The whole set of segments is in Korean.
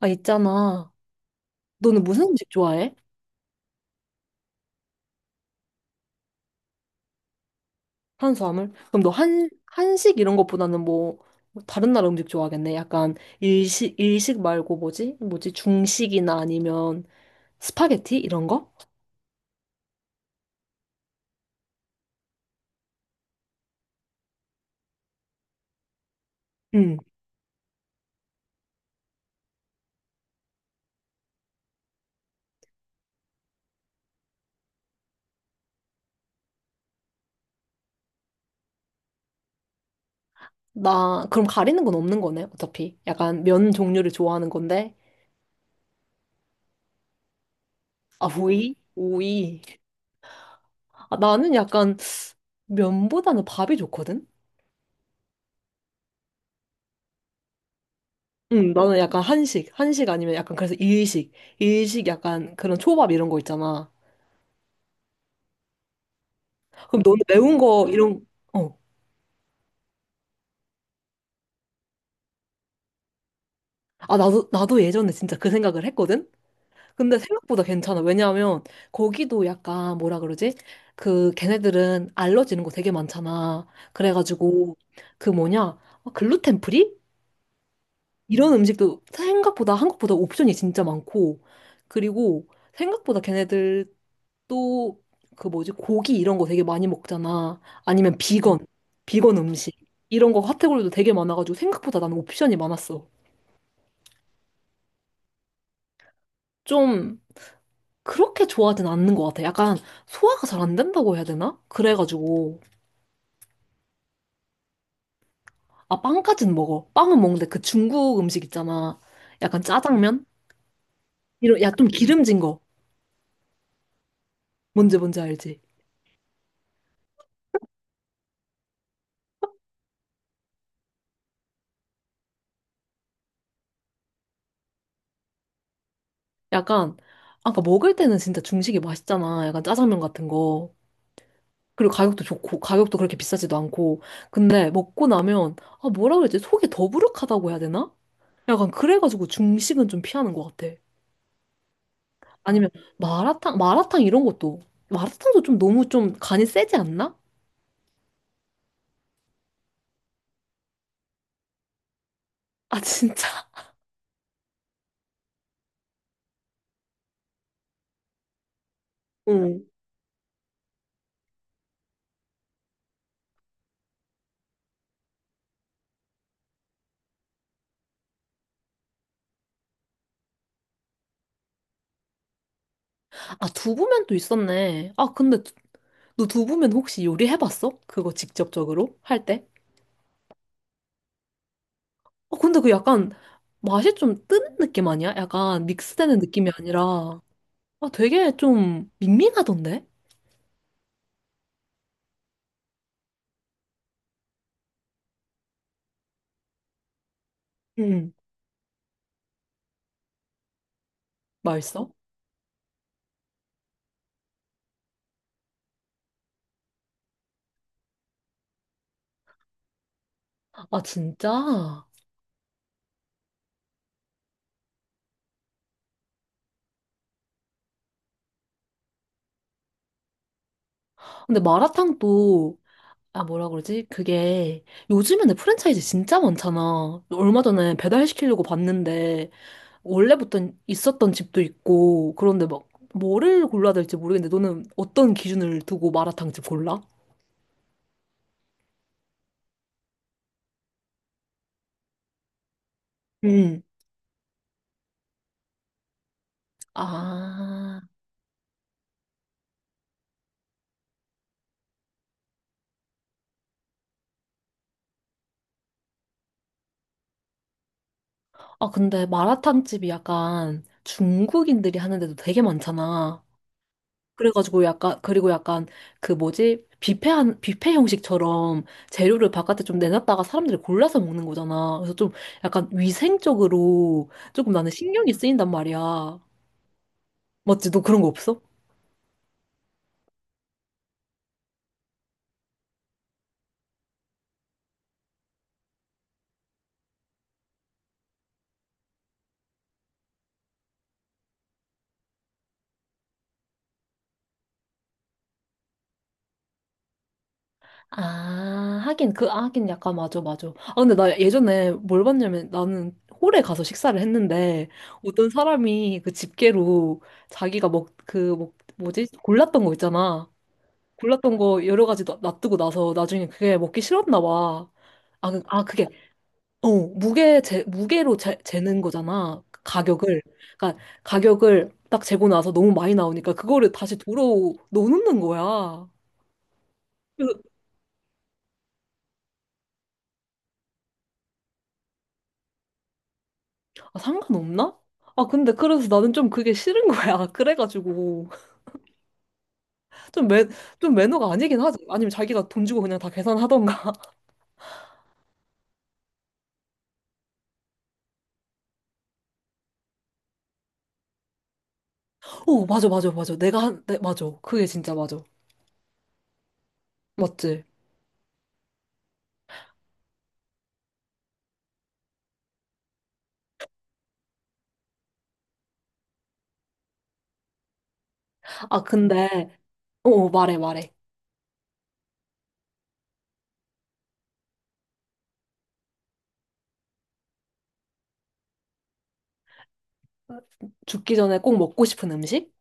아, 있잖아. 너는 무슨 음식 좋아해? 한수화물? 그럼 너 한식 이런 것보다는 뭐, 뭐 다른 나라 음식 좋아하겠네. 약간 일식 말고 뭐지? 뭐지? 중식이나 아니면 스파게티? 이런 거? 응. 나, 그럼 가리는 건 없는 거네, 어차피. 약간 면 종류를 좋아하는 건데. 아, 오이? 오이. 아, 나는 약간 면보다는 밥이 좋거든? 응, 나는 약간 한식. 한식 아니면 약간 그래서 일식. 일식 약간 그런 초밥 이런 거 있잖아. 그럼 너는 매운 거 이런, 어. 아, 나도 예전에 진짜 그 생각을 했거든. 근데 생각보다 괜찮아. 왜냐하면 거기도 약간 뭐라 그러지? 그 걔네들은 알러지는 거 되게 많잖아. 그래가지고 그 뭐냐, 글루텐 프리 이런 음식도 생각보다 한국보다 옵션이 진짜 많고. 그리고 생각보다 걔네들 또 그 뭐지, 고기 이런 거 되게 많이 먹잖아. 아니면 비건, 비건 음식 이런 거 카테고리도 되게 많아가지고 생각보다 나는 옵션이 많았어. 좀 그렇게 좋아하진 않는 것 같아. 약간 소화가 잘 안 된다고 해야 되나? 그래가지고. 아, 빵까진 먹어. 빵은 먹는데 그 중국 음식 있잖아. 약간 짜장면? 이런 야좀 기름진 거. 뭔지 알지? 약간, 아까 먹을 때는 진짜 중식이 맛있잖아. 약간 짜장면 같은 거. 그리고 가격도 좋고, 가격도 그렇게 비싸지도 않고. 근데 먹고 나면 아, 뭐라 그러지? 속이 더부룩하다고 해야 되나? 약간 그래가지고 중식은 좀 피하는 것 같아. 아니면 마라탕 이런 것도. 마라탕도 좀 너무 좀 간이 세지 않나? 아, 진짜? 응. 아, 두부면 또 있었네. 아 근데 너 두부면 혹시 요리해봤어? 그거 직접적으로 할 때? 아 근데 그 약간 맛이 좀 뜨는 느낌 아니야? 약간 믹스되는 느낌이 아니라. 아, 되게 좀 밍밍하던데? 응. 맛있어? 아, 진짜? 근데 마라탕도 아, 뭐라 그러지? 그게 요즘에는 프랜차이즈 진짜 많잖아. 얼마 전에 배달시키려고 봤는데 원래부터 있었던 집도 있고 그런데 막 뭐를 골라야 될지 모르겠는데, 너는 어떤 기준을 두고 마라탕집 골라? 음. 아, 아, 근데 마라탕집이 약간 중국인들이 하는데도 되게 많잖아. 그래가지고 약간, 그리고 약간 그 뭐지? 뷔페 형식처럼 재료를 바깥에 좀 내놨다가 사람들이 골라서 먹는 거잖아. 그래서 좀 약간 위생적으로 조금 나는 신경이 쓰인단 말이야. 맞지? 너 그런 거 없어? 아, 하긴, 그, 아, 하긴 약간 맞아, 맞아. 아, 근데 나 예전에 뭘 봤냐면 나는 홀에 가서 식사를 했는데 어떤 사람이 그 집게로 자기가 뭐지? 골랐던 거 있잖아. 골랐던 거 여러 가지 놔두고 나서 나중에 그게 먹기 싫었나 봐. 아, 그게 어, 재는 거잖아, 가격을. 그러니까 가격을 딱 재고 나서 너무 많이 나오니까 그거를 다시 도로 넣는 거야. 그래서 아, 상관없나? 아 근데 그래서 나는 좀 그게 싫은 거야. 그래가지고 좀 매, 좀 매너가 아니긴 하지. 아니면 자기가 돈 주고 그냥 다 계산하던가. 오, 맞아, 맞아, 맞아. 맞아. 그게 진짜 맞아. 맞지? 아 근데 어, 말해 말해. 죽기 전에 꼭 먹고 싶은 음식?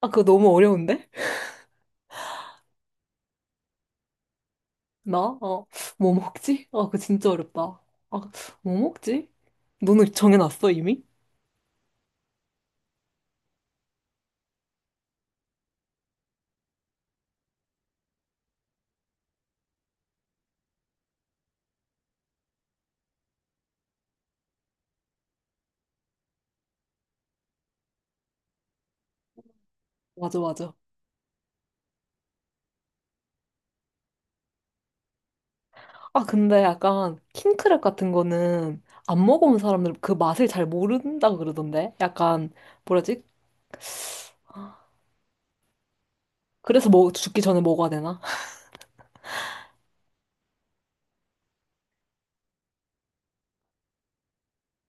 아, 그거 너무 어려운데? 나? 어, 뭐 먹지? 아, 그거 진짜 어렵다. 아, 뭐 먹지? 너는 정해놨어, 이미? 맞아, 맞아. 아, 근데 약간 킹크랩 같은 거는 안 먹어본 사람들 그 맛을 잘 모른다고 그러던데? 약간, 뭐라지? 그래서 뭐 죽기 전에 먹어야 되나?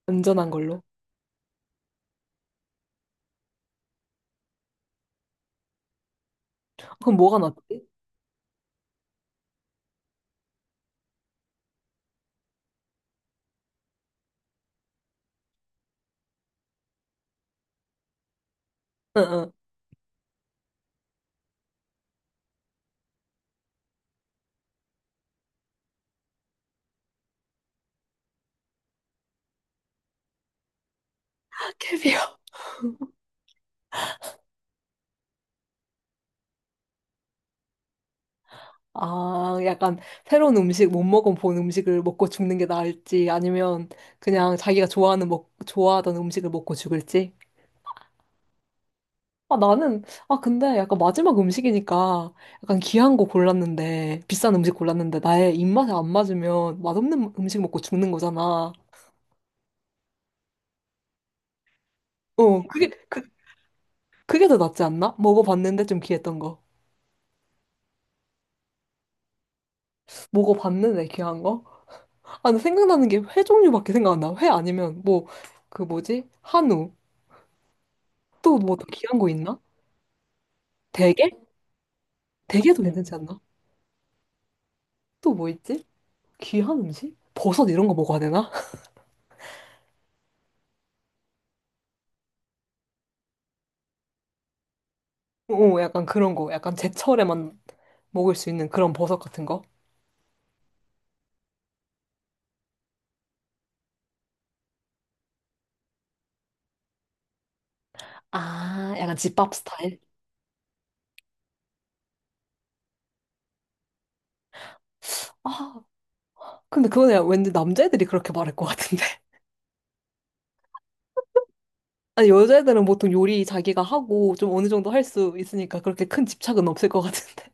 안전한 걸로. 그럼 뭐가 낫지? 응, 응. 캐비어. 아, 약간 새로운 음식, 못 먹어본 음식을 먹고 죽는 게 나을지, 아니면 그냥 자기가 좋아하던 음식을 먹고 죽을지? 아, 나는, 아, 근데 약간 마지막 음식이니까 약간 귀한 거 골랐는데, 비싼 음식 골랐는데, 나의 입맛에 안 맞으면 맛없는 음식 먹고 죽는 거잖아. 어, 그게 더 낫지 않나? 먹어봤는데 좀 귀했던 거. 먹어봤는데 귀한 거? 아, 근데 생각나는 게 회 종류밖에 생각 안 나. 회 아니면 뭐, 그 뭐지? 한우. 또 뭐 더 귀한 거 있나? 대게? 대게도 괜찮지 않나? 또 뭐 있지? 귀한 음식? 버섯 이런 거 먹어야 되나? 오, 약간 그런 거. 약간 제철에만 먹을 수 있는 그런 버섯 같은 거. 아, 약간 집밥 스타일? 아, 근데 그건 야, 왠지 남자애들이 그렇게 말할 것 같은데. 아니, 여자애들은 보통 요리 자기가 하고 좀 어느 정도 할 수 있으니까 그렇게 큰 집착은 없을 것 같은데.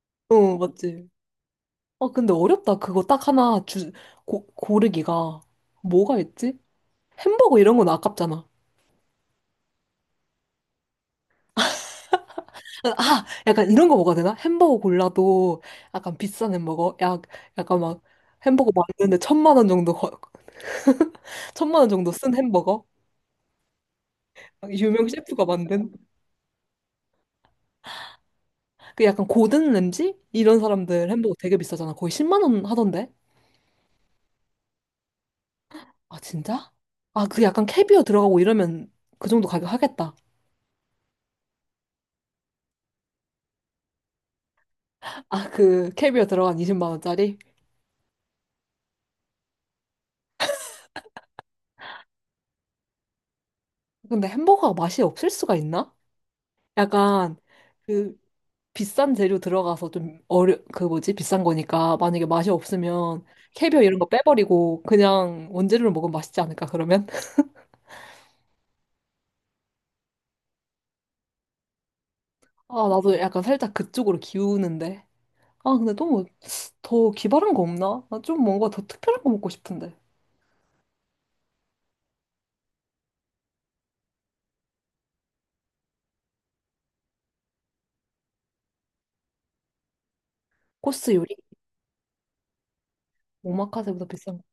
어, 맞지. 아, 근데 어렵다. 그거 딱 고르기가. 뭐가 있지? 햄버거 이런 건 아깝잖아. 아, 약간 이런 거 먹어야 되나? 햄버거 골라도 약간 비싼 햄버거? 약간 막 햄버거 만드는데 천만 원 정도 쓴 햄버거? 유명 셰프가 만든? 그 약간 고든 램지? 이런 사람들 햄버거 되게 비싸잖아. 거의 10만 원 하던데? 아, 진짜? 아, 그 약간 캐비어 들어가고 이러면 그 정도 가격 하겠다. 아, 그 캐비어 들어간 20만 원짜리? 근데 햄버거가 맛이 없을 수가 있나? 약간 그 비싼 재료 들어가서 좀 어려, 그 뭐지, 비싼 거니까 만약에 맛이 없으면 캐비어 이런 거 빼버리고 그냥 원재료로 먹으면 맛있지 않을까, 그러면. 아, 나도 약간 살짝 그쪽으로 기우는데 아, 근데 너무 더 기발한 거 없나? 나 좀 뭔가 더 특별한 거 먹고 싶은데. 코스 요리, 오마카세보다 비싼 거.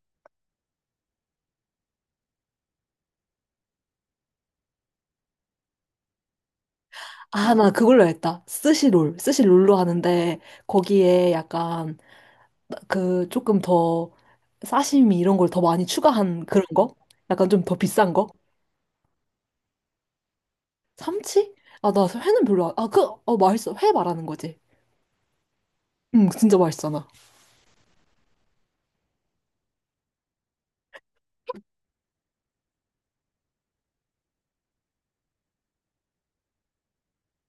아, 나 그걸로 했다. 스시롤. 스시롤로 하는데, 거기에 약간, 그, 조금 더, 사시미 이런 걸 더 많이 추가한 그런 거? 약간 좀 더 비싼 거? 참치? 아, 나 회는 별로 안, 아, 그, 어, 맛있어. 회 말하는 거지. 응, 진짜 맛있잖아.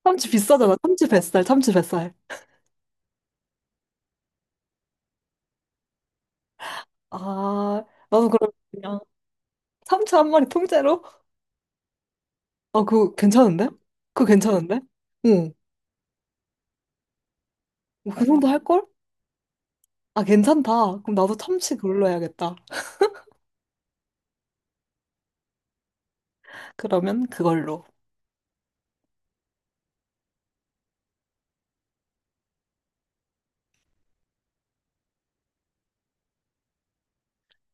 참치 비싸잖아. 참치 뱃살, 참치 뱃살. 아, 나도 그럼 그냥 참치 1마리 통째로? 아, 그거 괜찮은데? 그거 괜찮은데? 응. 뭐 그 정도 할걸? 아, 괜찮다. 그럼 나도 참치 그걸로 해야겠다. 그러면 그걸로.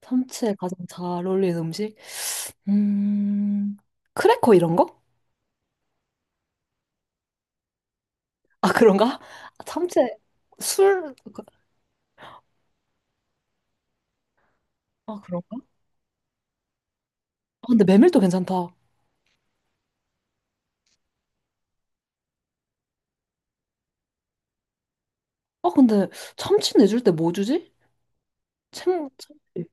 참치에 가장 잘 어울리는 음식? 음, 크래커 이런 거? 아, 그런가? 참치에 술? 아, 그런가? 아, 근데 메밀도 괜찮다. 아, 근데 참치 내줄 때 뭐 주지? 참, 참치.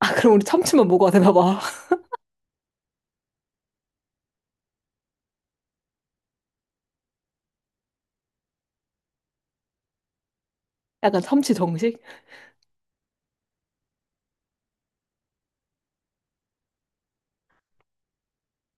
아, 그럼 우리 참치만 먹어야 되나 봐. 약간 참치 정식?